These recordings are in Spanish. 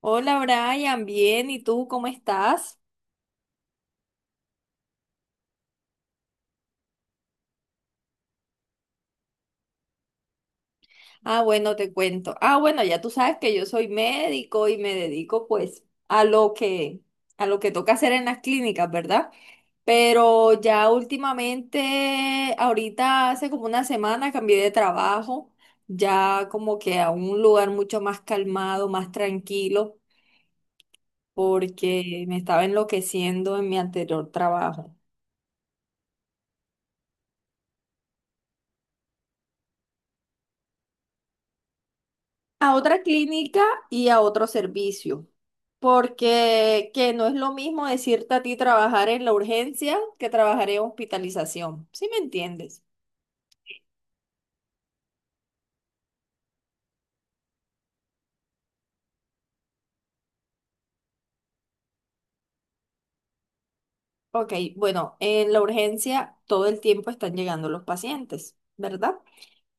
Hola Brian, bien, ¿y tú cómo estás? Ah, bueno, te cuento. Ah, bueno, ya tú sabes que yo soy médico y me dedico pues a lo que a lo que toca hacer en las clínicas, ¿verdad? Pero ya últimamente, ahorita hace como una semana cambié de trabajo, ya como que a un lugar mucho más calmado, más tranquilo, porque me estaba enloqueciendo en mi anterior trabajo. A otra clínica y a otro servicio, porque que no es lo mismo decirte a ti trabajar en la urgencia que trabajar en hospitalización, ¿sí me entiendes? Ok, bueno, en la urgencia todo el tiempo están llegando los pacientes, ¿verdad?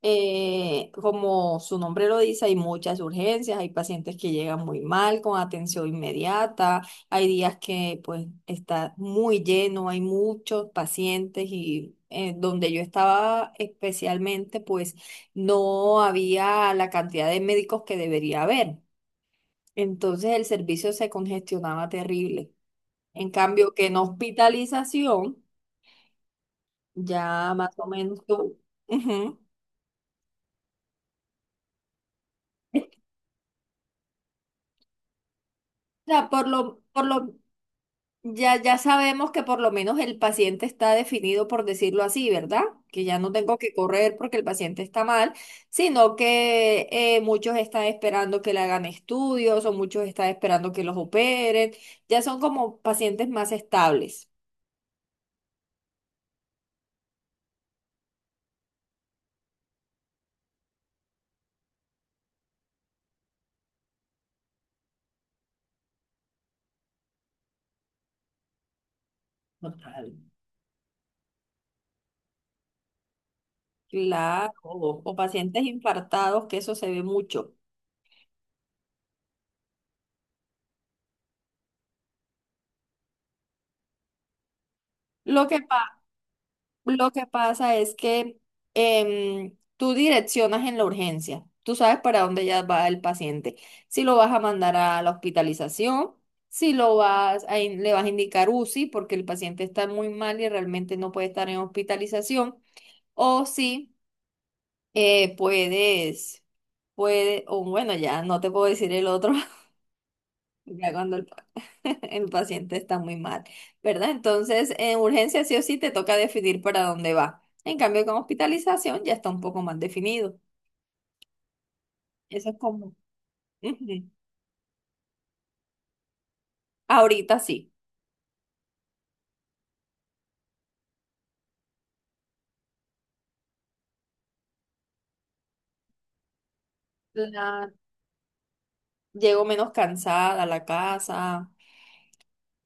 Como su nombre lo dice, hay muchas urgencias, hay pacientes que llegan muy mal con atención inmediata, hay días que pues está muy lleno, hay muchos pacientes y donde yo estaba especialmente pues no había la cantidad de médicos que debería haber. Entonces el servicio se congestionaba terrible. En cambio, que en hospitalización, ya más o menos tú... Ujú. O sea, por lo, ya, ya sabemos que por lo menos el paciente está definido, por decirlo así, ¿verdad? Que ya no tengo que correr porque el paciente está mal, sino que muchos están esperando que le hagan estudios o muchos están esperando que los operen. Ya son como pacientes más estables. Total. Claro, o pacientes infartados, que eso se ve mucho. Lo que pasa Lo que pasa es que tú direccionas en la urgencia. Tú sabes para dónde ya va el paciente. Si lo vas a mandar a la hospitalización, si lo vas a le vas a indicar UCI porque el paciente está muy mal y realmente no puede estar en hospitalización, o si eh, puedes, o bueno, ya no te puedo decir el otro. Ya cuando el paciente está muy mal, ¿verdad? Entonces, en urgencia sí o sí te toca definir para dónde va. En cambio, con hospitalización ya está un poco más definido. Eso es como... Ujú. Ahorita sí. La... Llego menos cansada a la casa,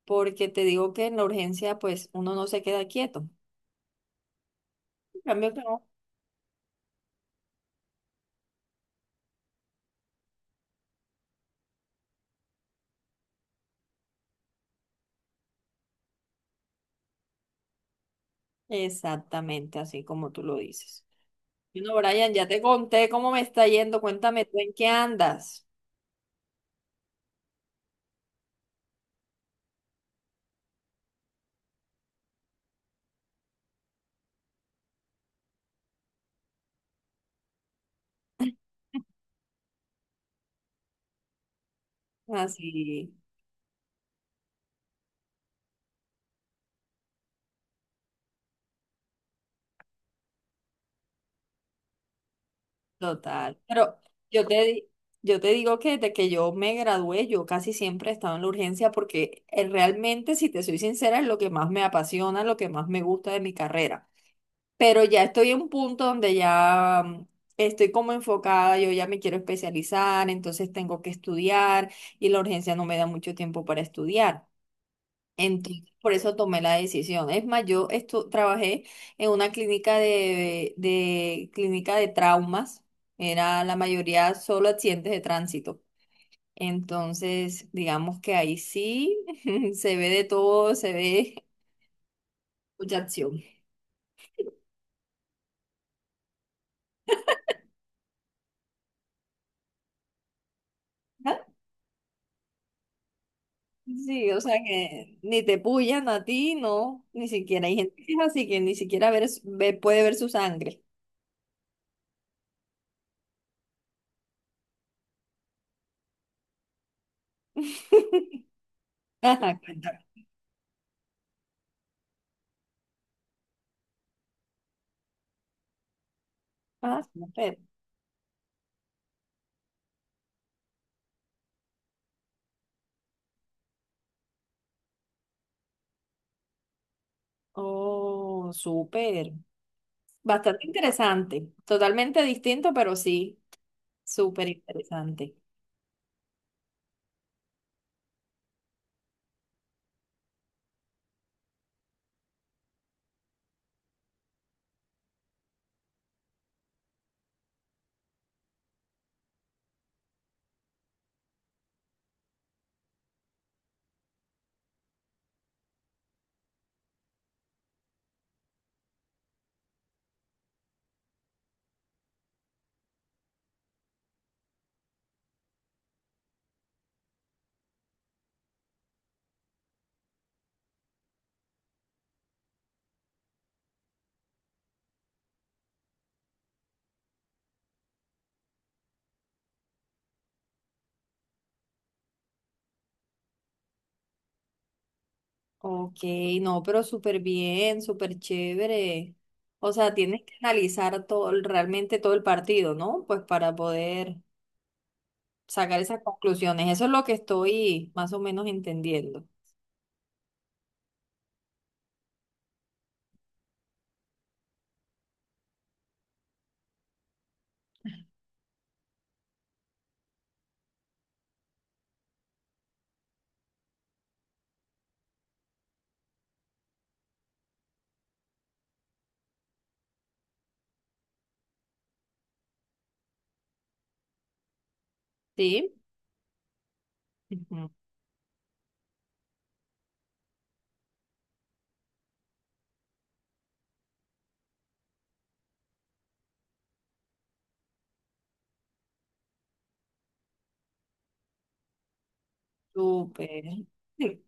porque te digo que en la urgencia, pues uno no se queda quieto. En cambio, que no. Exactamente, así como tú lo dices. Bueno, Brian, ya te conté cómo me está yendo. Cuéntame tú en qué andas. Así. Total, pero yo te, di- yo te digo que desde que yo me gradué, yo casi siempre he estado en la urgencia porque realmente, si te soy sincera, es lo que más me apasiona, lo que más me gusta de mi carrera. Pero ya estoy en un punto donde estoy como enfocada, yo ya me quiero especializar, entonces tengo que estudiar y la urgencia no me da mucho tiempo para estudiar. Entonces, por eso tomé la decisión. Es más, trabajé en una clínica de clínica de traumas. Era la mayoría solo accidentes de tránsito. Entonces, digamos que ahí sí se ve de todo, se ve mucha acción. Ah. Sí, o sea que ni te pullan a ti, no, ni siquiera hay gente que es así que ni siquiera puede ver su sangre. Ajá, cuéntame. Ah, súper. Oh, súper. Bastante interesante, totalmente distinto, pero sí, súper interesante. Ok, no, pero súper bien, súper chévere. O sea, tienes que analizar todo, realmente todo el partido, ¿no? Pues para poder sacar esas conclusiones. Eso es lo que estoy más o menos entendiendo. ¿Sí? Ujú. Súper. Sí.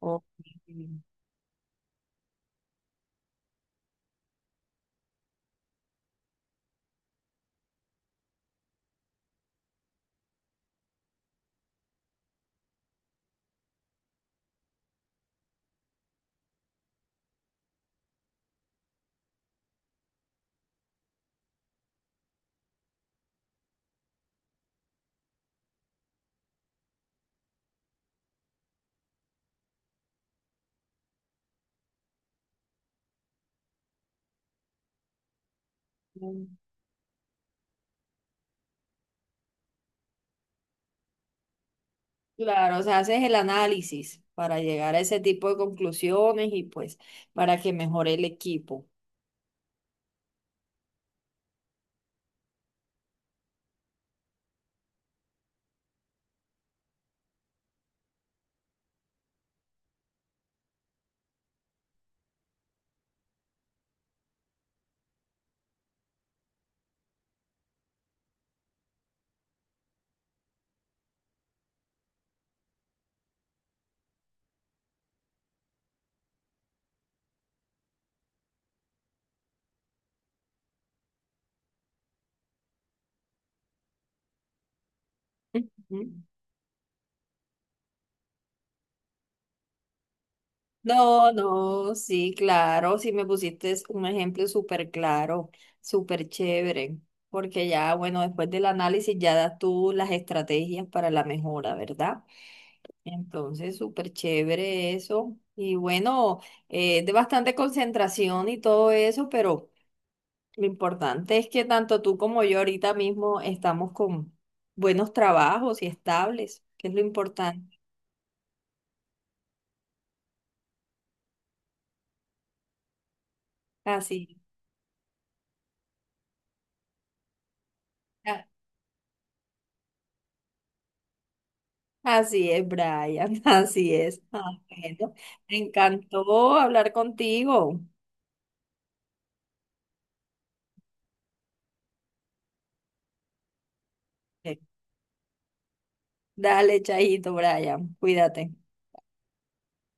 Ok. Mm. Claro, o sea, haces el análisis para llegar a ese tipo de conclusiones y pues para que mejore el equipo. Ujú. No, no, sí, claro, sí me pusiste un ejemplo súper claro, súper chévere, porque ya, bueno, después del análisis ya das tú las estrategias para la mejora, ¿verdad? Entonces, súper chévere eso. Y bueno, de bastante concentración y todo eso, pero lo importante es que tanto tú como yo ahorita mismo estamos con buenos trabajos y estables, que es lo importante. Así. Así es, Brian, así es. Ah, bueno, me encantó hablar contigo. Dale, chajito, Brian, cuídate.